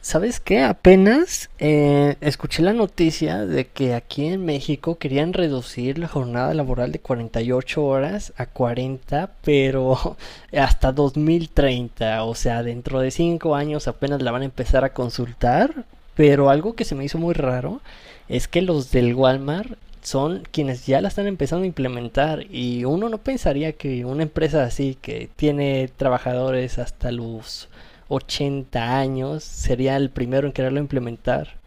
¿Sabes qué? Apenas escuché la noticia de que aquí en México querían reducir la jornada laboral de 48 horas a 40, pero hasta 2030, o sea, dentro de 5 años apenas la van a empezar a consultar, pero algo que se me hizo muy raro es que los del Walmart son quienes ya la están empezando a implementar y uno no pensaría que una empresa así que tiene trabajadores hasta los 80 años, sería el primero en quererlo implementar.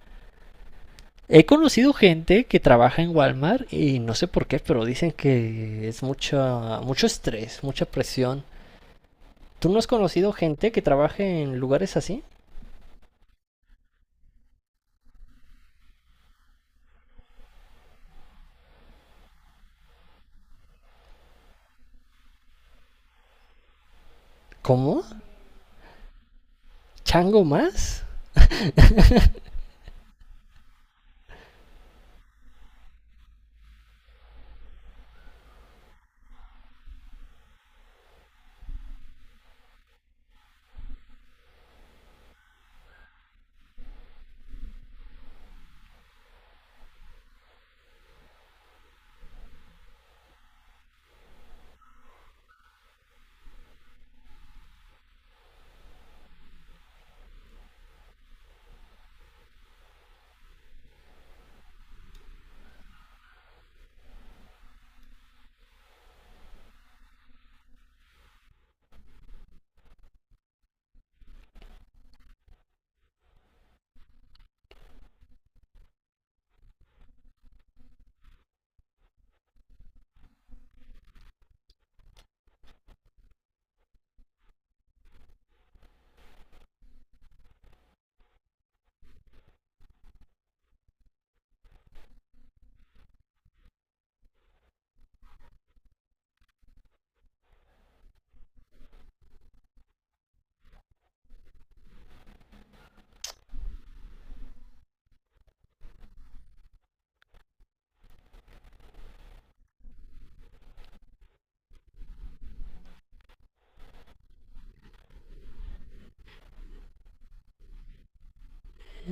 He conocido gente que trabaja en Walmart y no sé por qué, pero dicen que es mucha, mucho estrés, mucha presión. ¿Tú no has conocido gente que trabaje en lugares así? ¿Cómo? ¿Chango más?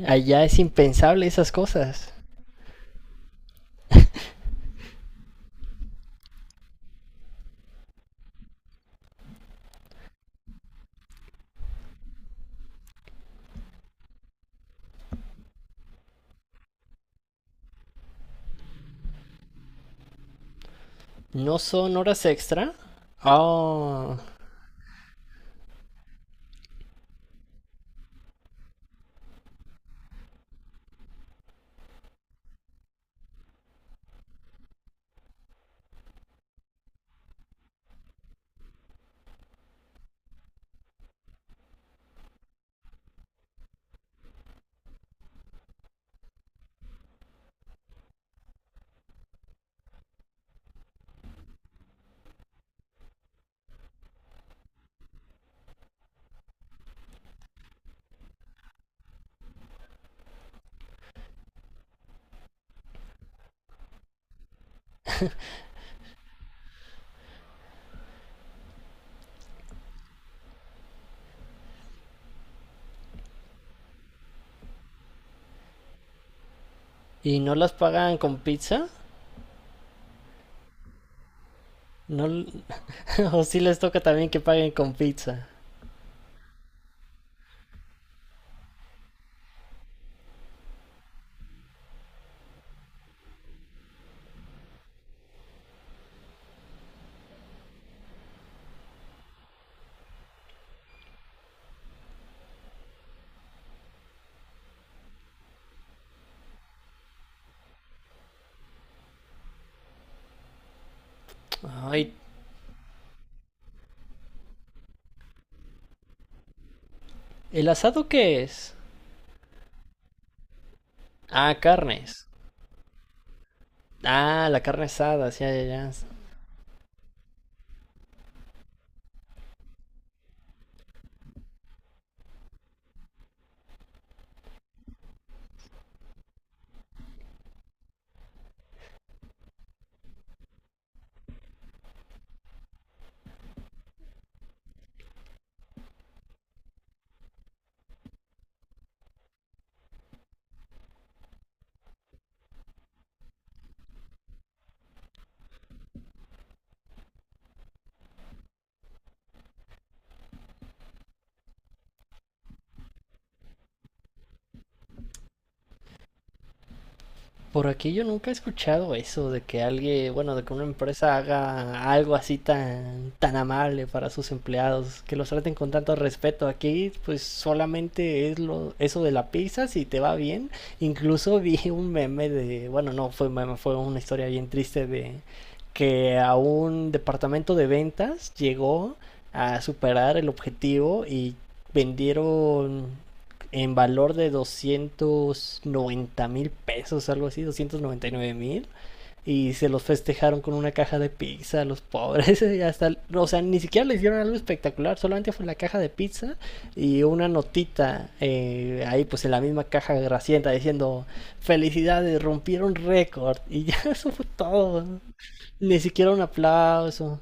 Allá es impensable esas cosas. ¿No son horas extra? Oh, ¿y no las pagan con pizza? ¿No... l- ¿O sí les toca también que paguen con pizza? Ay, ¿el asado qué es? Ah, carnes. Ah, la carne asada, sí, ya, ya. Por aquí yo nunca he escuchado eso de que alguien, bueno, de que una empresa haga algo así tan, tan amable para sus empleados, que los traten con tanto respeto. Aquí, pues solamente es lo, eso de la pizza, si te va bien. Incluso vi un meme de, bueno, no fue meme, fue una historia bien triste de que a un departamento de ventas llegó a superar el objetivo y vendieron en valor de 290 mil pesos, algo así, 299 mil. Y se los festejaron con una caja de pizza, los pobres. Hasta, o sea, ni siquiera le hicieron algo espectacular, solamente fue la caja de pizza y una notita ahí, pues en la misma caja gracienta diciendo: Felicidades, rompieron récord. Y ya eso fue todo. Ni siquiera un aplauso.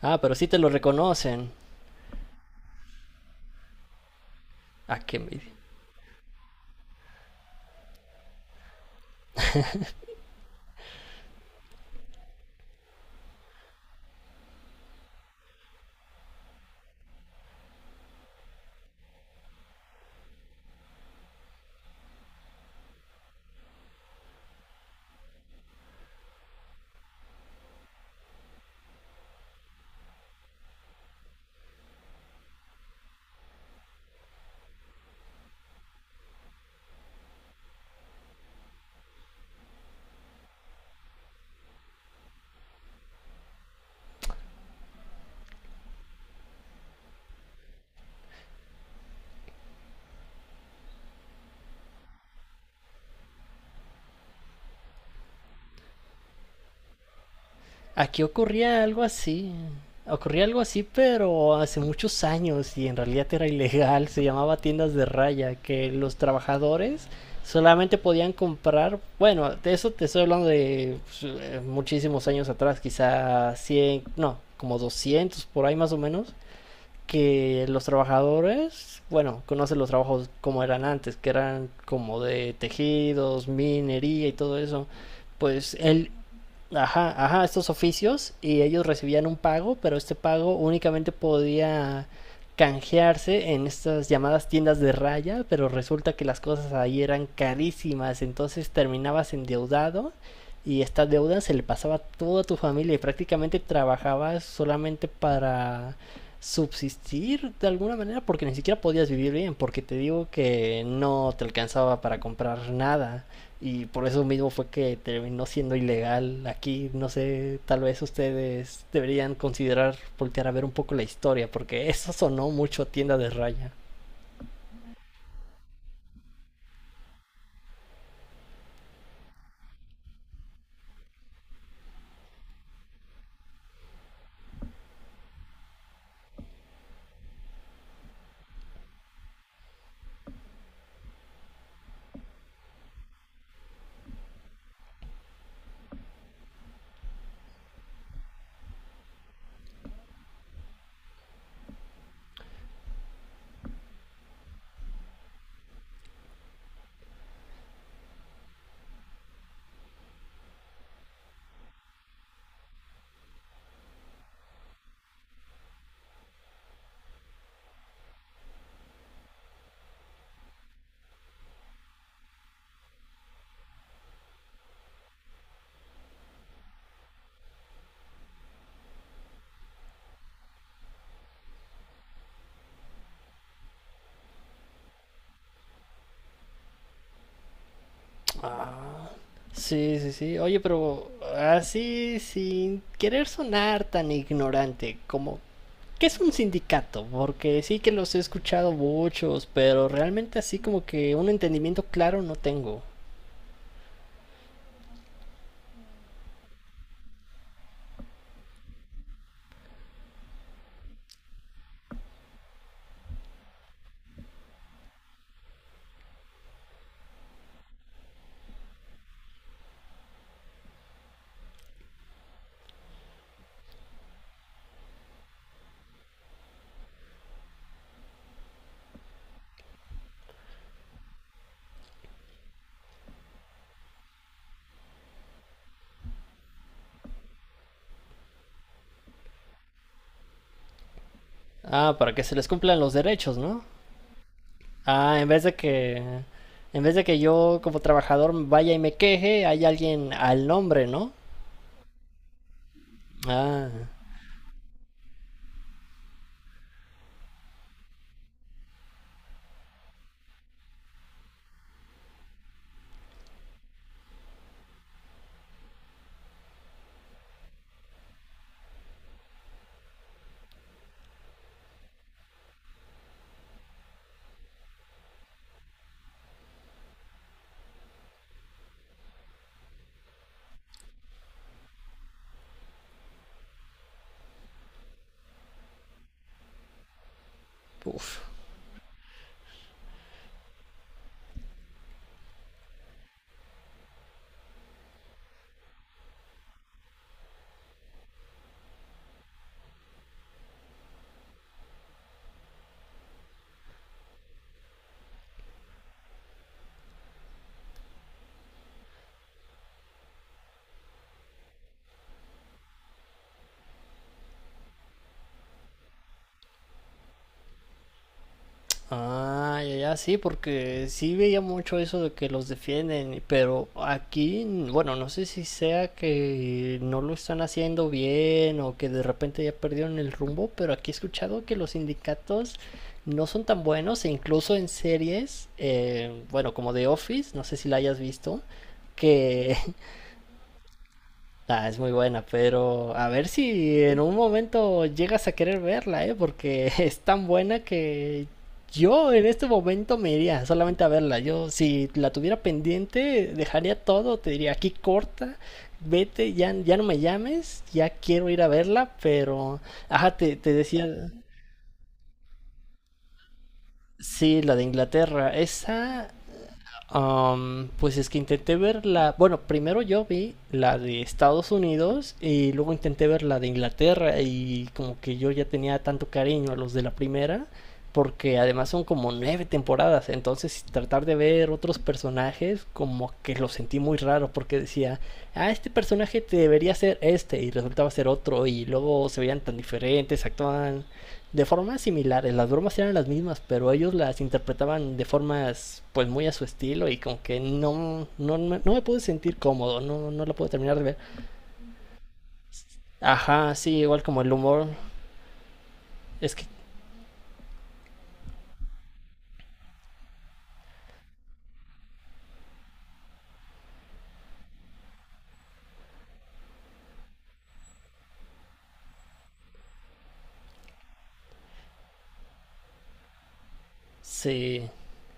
Ah, pero sí te lo reconocen. Ah, qué envidia. Aquí ocurría algo así. Ocurría algo así, pero hace muchos años y en realidad era ilegal. Se llamaba tiendas de raya, que los trabajadores solamente podían comprar, bueno, de eso te estoy hablando de pues, muchísimos años atrás, quizá 100, no, como 200 por ahí más o menos, que los trabajadores, bueno, conocen los trabajos como eran antes, que eran como de tejidos, minería y todo eso. Pues el, ajá, ajá, estos oficios y ellos recibían un pago, pero este pago únicamente podía canjearse en estas llamadas tiendas de raya, pero resulta que las cosas ahí eran carísimas, entonces terminabas endeudado y esta deuda se le pasaba a toda tu familia y prácticamente trabajabas solamente para subsistir de alguna manera porque ni siquiera podías vivir bien, porque te digo que no te alcanzaba para comprar nada. Y por eso mismo fue que terminó siendo ilegal aquí. No sé, tal vez ustedes deberían considerar voltear a ver un poco la historia, porque eso sonó mucho a tienda de raya. Ah, sí, sí, sí. Oye, pero así, sin querer sonar tan ignorante, como ¿qué es un sindicato? Porque sí que los he escuchado muchos, pero realmente así como que un entendimiento claro no tengo. Ah, para que se les cumplan los derechos, ¿no? Ah, en vez de que yo como trabajador vaya y me queje, hay alguien al nombre, ¿no? Ah, uf. Ah, ya, ya, sí, porque sí veía mucho eso de que los defienden, pero aquí, bueno, no sé si sea que no lo están haciendo bien o que de repente ya perdieron el rumbo, pero aquí he escuchado que los sindicatos no son tan buenos e incluso en series, bueno, como The Office, no sé si la hayas visto, que ah, es muy buena, pero a ver si en un momento llegas a querer verla, ¿eh? Porque es tan buena que yo en este momento me iría solamente a verla. Yo si la tuviera pendiente, dejaría todo, te diría, aquí corta, vete, ya, ya no me llames, ya quiero ir a verla, pero... Ajá, te decía... Sí, la de Inglaterra, esa pues es que intenté ver la. Bueno, primero yo vi la de Estados Unidos y luego intenté ver la de Inglaterra y como que yo ya tenía tanto cariño a los de la primera porque además son como nueve temporadas, entonces tratar de ver otros personajes como que lo sentí muy raro porque decía, ah, este personaje debería ser este y resultaba ser otro y luego se veían tan diferentes, actuaban de formas similares. Las bromas eran las mismas, pero ellos las interpretaban de formas pues muy a su estilo y como que no, no, no me pude sentir cómodo, no, no la pude terminar de ver. Ajá, sí, igual como el humor, es que sí,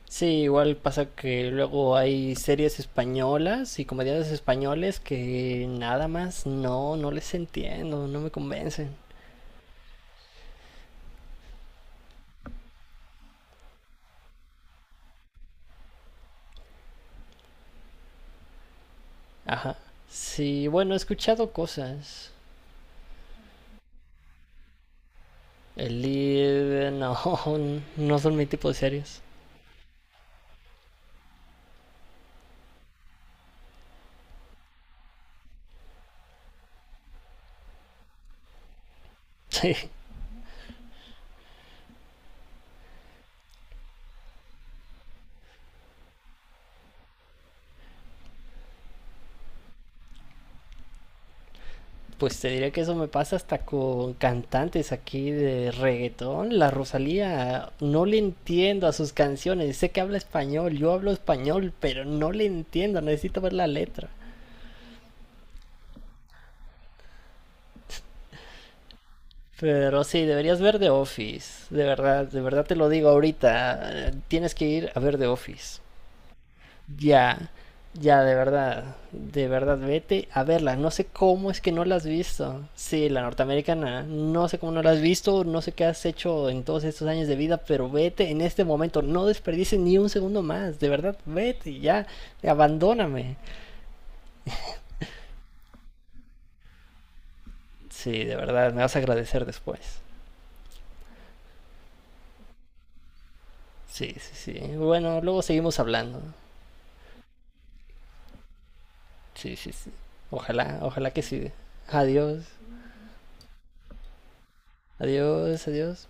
sí, igual pasa que luego hay series españolas y comediantes españoles que nada más no, no les entiendo, no me convencen. Ajá, sí, bueno, he escuchado cosas. El lead, no, no son mi tipo de series. Sí, pues te diré que eso me pasa hasta con cantantes aquí de reggaetón. La Rosalía, no le entiendo a sus canciones. Sé que habla español, yo hablo español, pero no le entiendo. Necesito ver la letra. Pero sí, deberías ver The Office. De verdad te lo digo ahorita. Tienes que ir a ver The Office. Ya, ya, de verdad, vete a verla. No sé cómo es que no la has visto. Sí, la norteamericana, no sé cómo no la has visto, no sé qué has hecho en todos estos años de vida, pero vete en este momento, no desperdices ni un segundo más, de verdad, vete, ya, abandóname. Sí, de verdad, me vas a agradecer después. Sí, sí, sí. Bueno, luego seguimos hablando. Sí, sí, sí. Ojalá, ojalá que sí. Adiós, adiós, adiós.